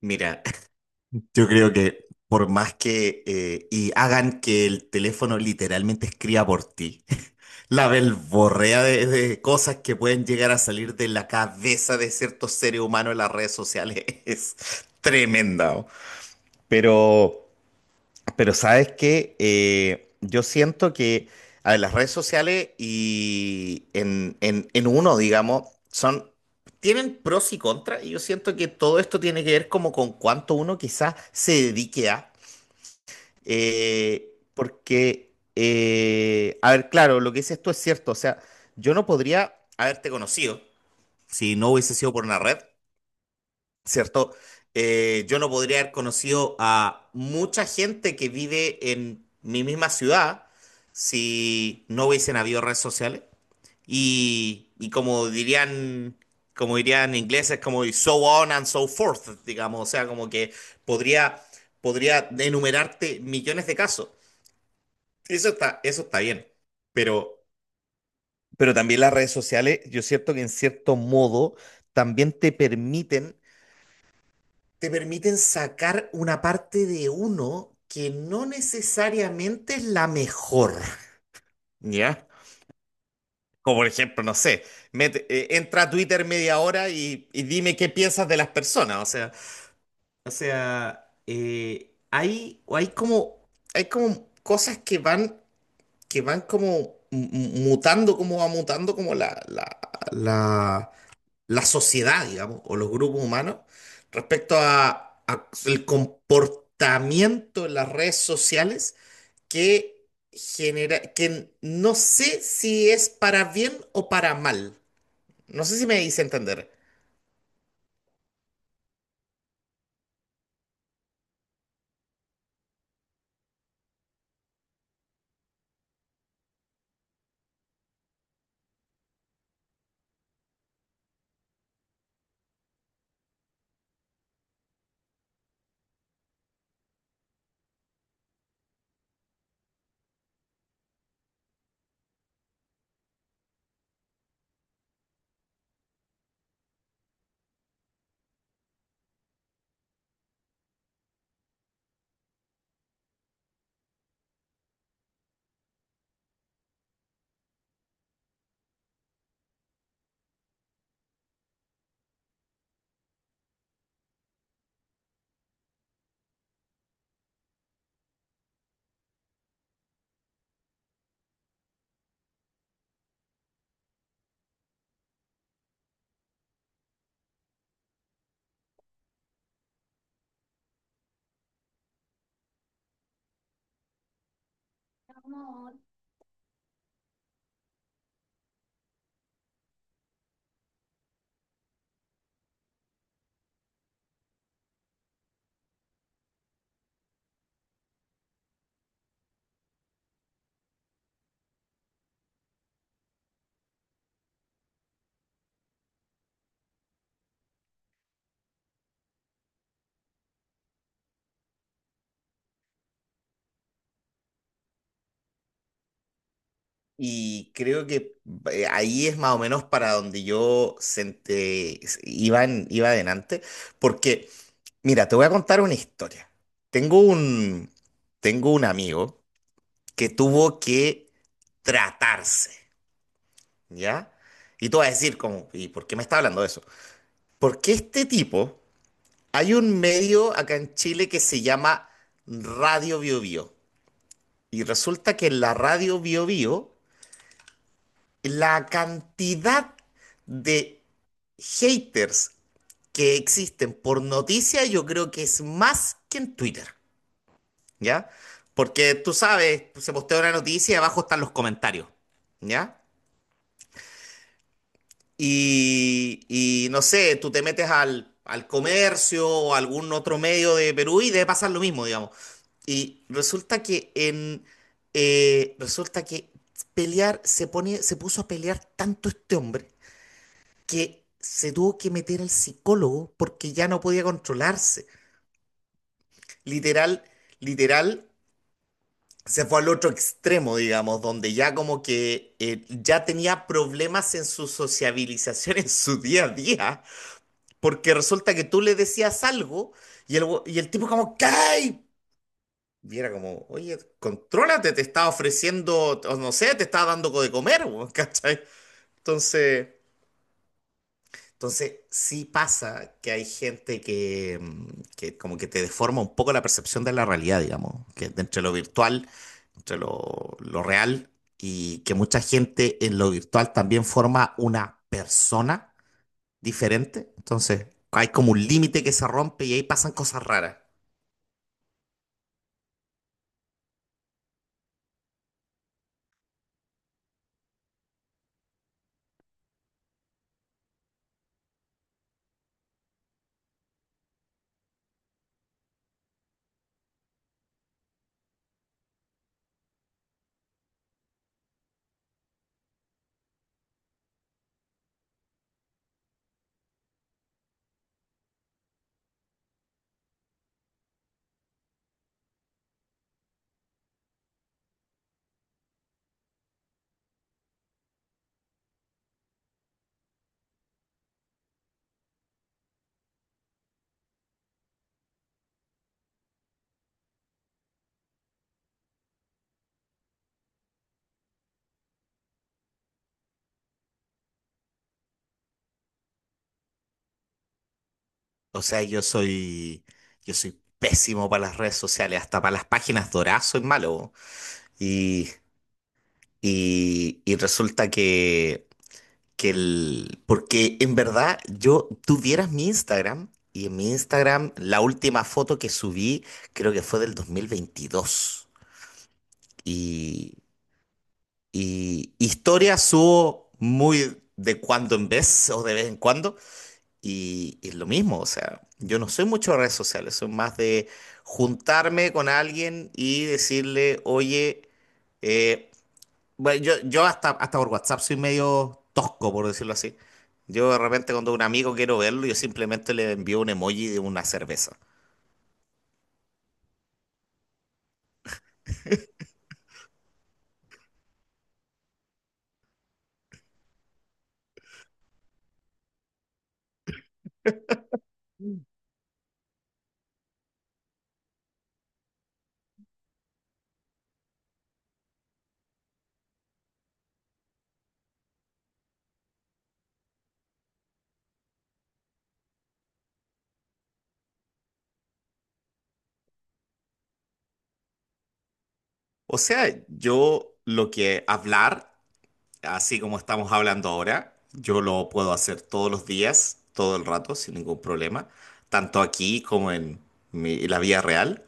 Mira, yo creo que por más que y hagan que el teléfono literalmente escriba por ti, la belborrea de cosas que pueden llegar a salir de la cabeza de ciertos seres humanos en las redes sociales es tremenda. ¿O? Pero pero sabes que yo siento que a ver, las redes sociales y en uno, digamos, son, tienen pros y contras, y yo siento que todo esto tiene que ver como con cuánto uno quizás se dedique a. Porque, a ver, claro, lo que dices tú es cierto, o sea, yo no podría haberte conocido si no hubiese sido por una red. ¿Cierto? Yo no podría haber conocido a mucha gente que vive en mi misma ciudad si no hubiesen habido redes sociales. Y como dirían ingleses, como y so on and so forth, digamos, o sea, como que podría, podría enumerarte millones de casos. Eso está bien. Pero, pero también las redes sociales, yo siento que en cierto modo también te permiten sacar una parte de uno que no necesariamente es la mejor, ¿ya? Como por ejemplo, no sé, entra a Twitter media hora y dime qué piensas de las personas, o sea, hay, o hay como cosas que van como mutando, como va mutando como la, la sociedad, digamos, o los grupos humanos respecto a el comportamiento en las redes sociales que genera, que no sé si es para bien o para mal. No sé si me hice entender. Y creo que ahí es más o menos para donde yo iba, iba adelante, porque, mira, te voy a contar una historia. Tengo un, tengo un amigo que tuvo que tratarse. ¿Ya? Y tú vas a decir, como, ¿y por qué me está hablando de eso? Porque este tipo, hay un medio acá en Chile que se llama Radio Bio Bio. Y resulta que en la Radio Bio Bio, la cantidad de haters que existen por noticia, yo creo que es más que en Twitter, ¿ya? Porque tú sabes, se postea una noticia y abajo están los comentarios, ¿ya? Y no sé, tú te metes al comercio o algún otro medio de Perú y debe pasar lo mismo, digamos. Y resulta que en resulta que se puso a pelear tanto este hombre que se tuvo que meter al psicólogo porque ya no podía controlarse. Literal, literal. Se fue al otro extremo, digamos, donde ya como que ya tenía problemas en su sociabilización en su día a día. Porque resulta que tú le decías algo y y el tipo como, ¡Cay! Y era como, oye, contrólate, te está ofreciendo, o no sé, te está dando de comer, weón, ¿cachai? Entonces, entonces sí pasa que hay gente que, que como que te deforma un poco la percepción de la realidad, digamos, que entre lo virtual, entre lo real, y que mucha gente en lo virtual también forma una persona diferente. Entonces, hay como un límite que se rompe y ahí pasan cosas raras. O sea, yo soy pésimo para las redes sociales, hasta para las páginas doradas soy malo. Bo. Y, y resulta que el, porque en verdad yo, tú vieras mi Instagram y en mi Instagram la última foto que subí creo que fue del 2022. Y, y historias subo muy de cuando en vez o de vez en cuando. Y es lo mismo, o sea, yo no soy mucho de redes sociales, soy más de juntarme con alguien y decirle, oye, eh, bueno, yo hasta por WhatsApp soy medio tosco, por decirlo así. Yo de repente cuando un amigo quiero verlo, yo simplemente le envío un emoji de una cerveza. O sea, yo lo que hablar, así como estamos hablando ahora, yo lo puedo hacer todos los días, todo el rato, sin ningún problema, tanto aquí como en la vida real.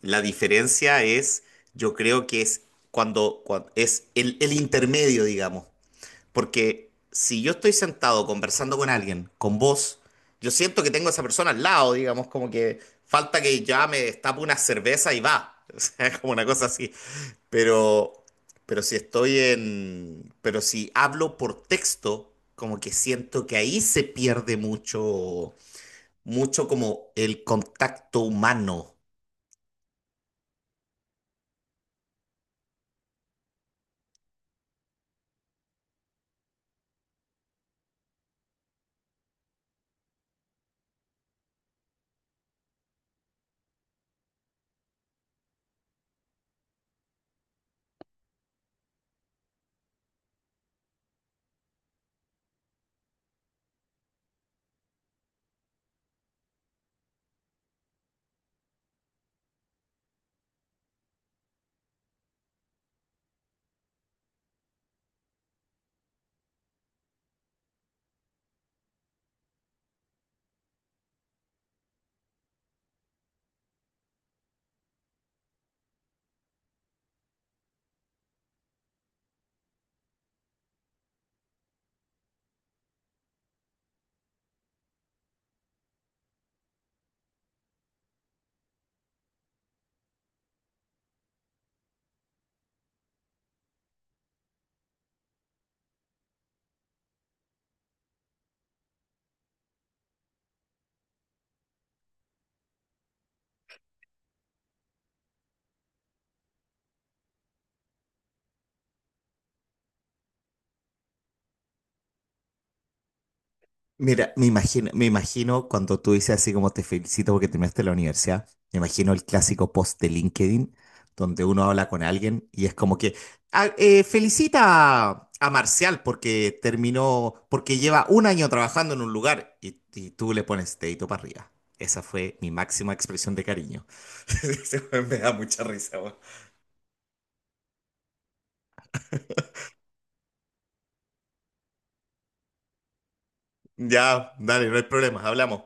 La diferencia es, yo creo que es es el intermedio, digamos. Porque si yo estoy sentado conversando con alguien, con vos, yo siento que tengo a esa persona al lado, digamos, como que falta que ya me destape una cerveza y va. O sea, como una cosa así. Pero, pero si hablo por texto, como que siento que ahí se pierde mucho, mucho como el contacto humano. Mira, me imagino cuando tú dices así como te felicito porque terminaste la universidad, me imagino el clásico post de LinkedIn donde uno habla con alguien y es como que "Ah, felicita a Marcial porque terminó, porque lleva un año trabajando en un lugar y tú le pones dedito para arriba". Esa fue mi máxima expresión de cariño. Ese weón me da mucha risa. Weón. Ya, dale, no hay problema, hablamos.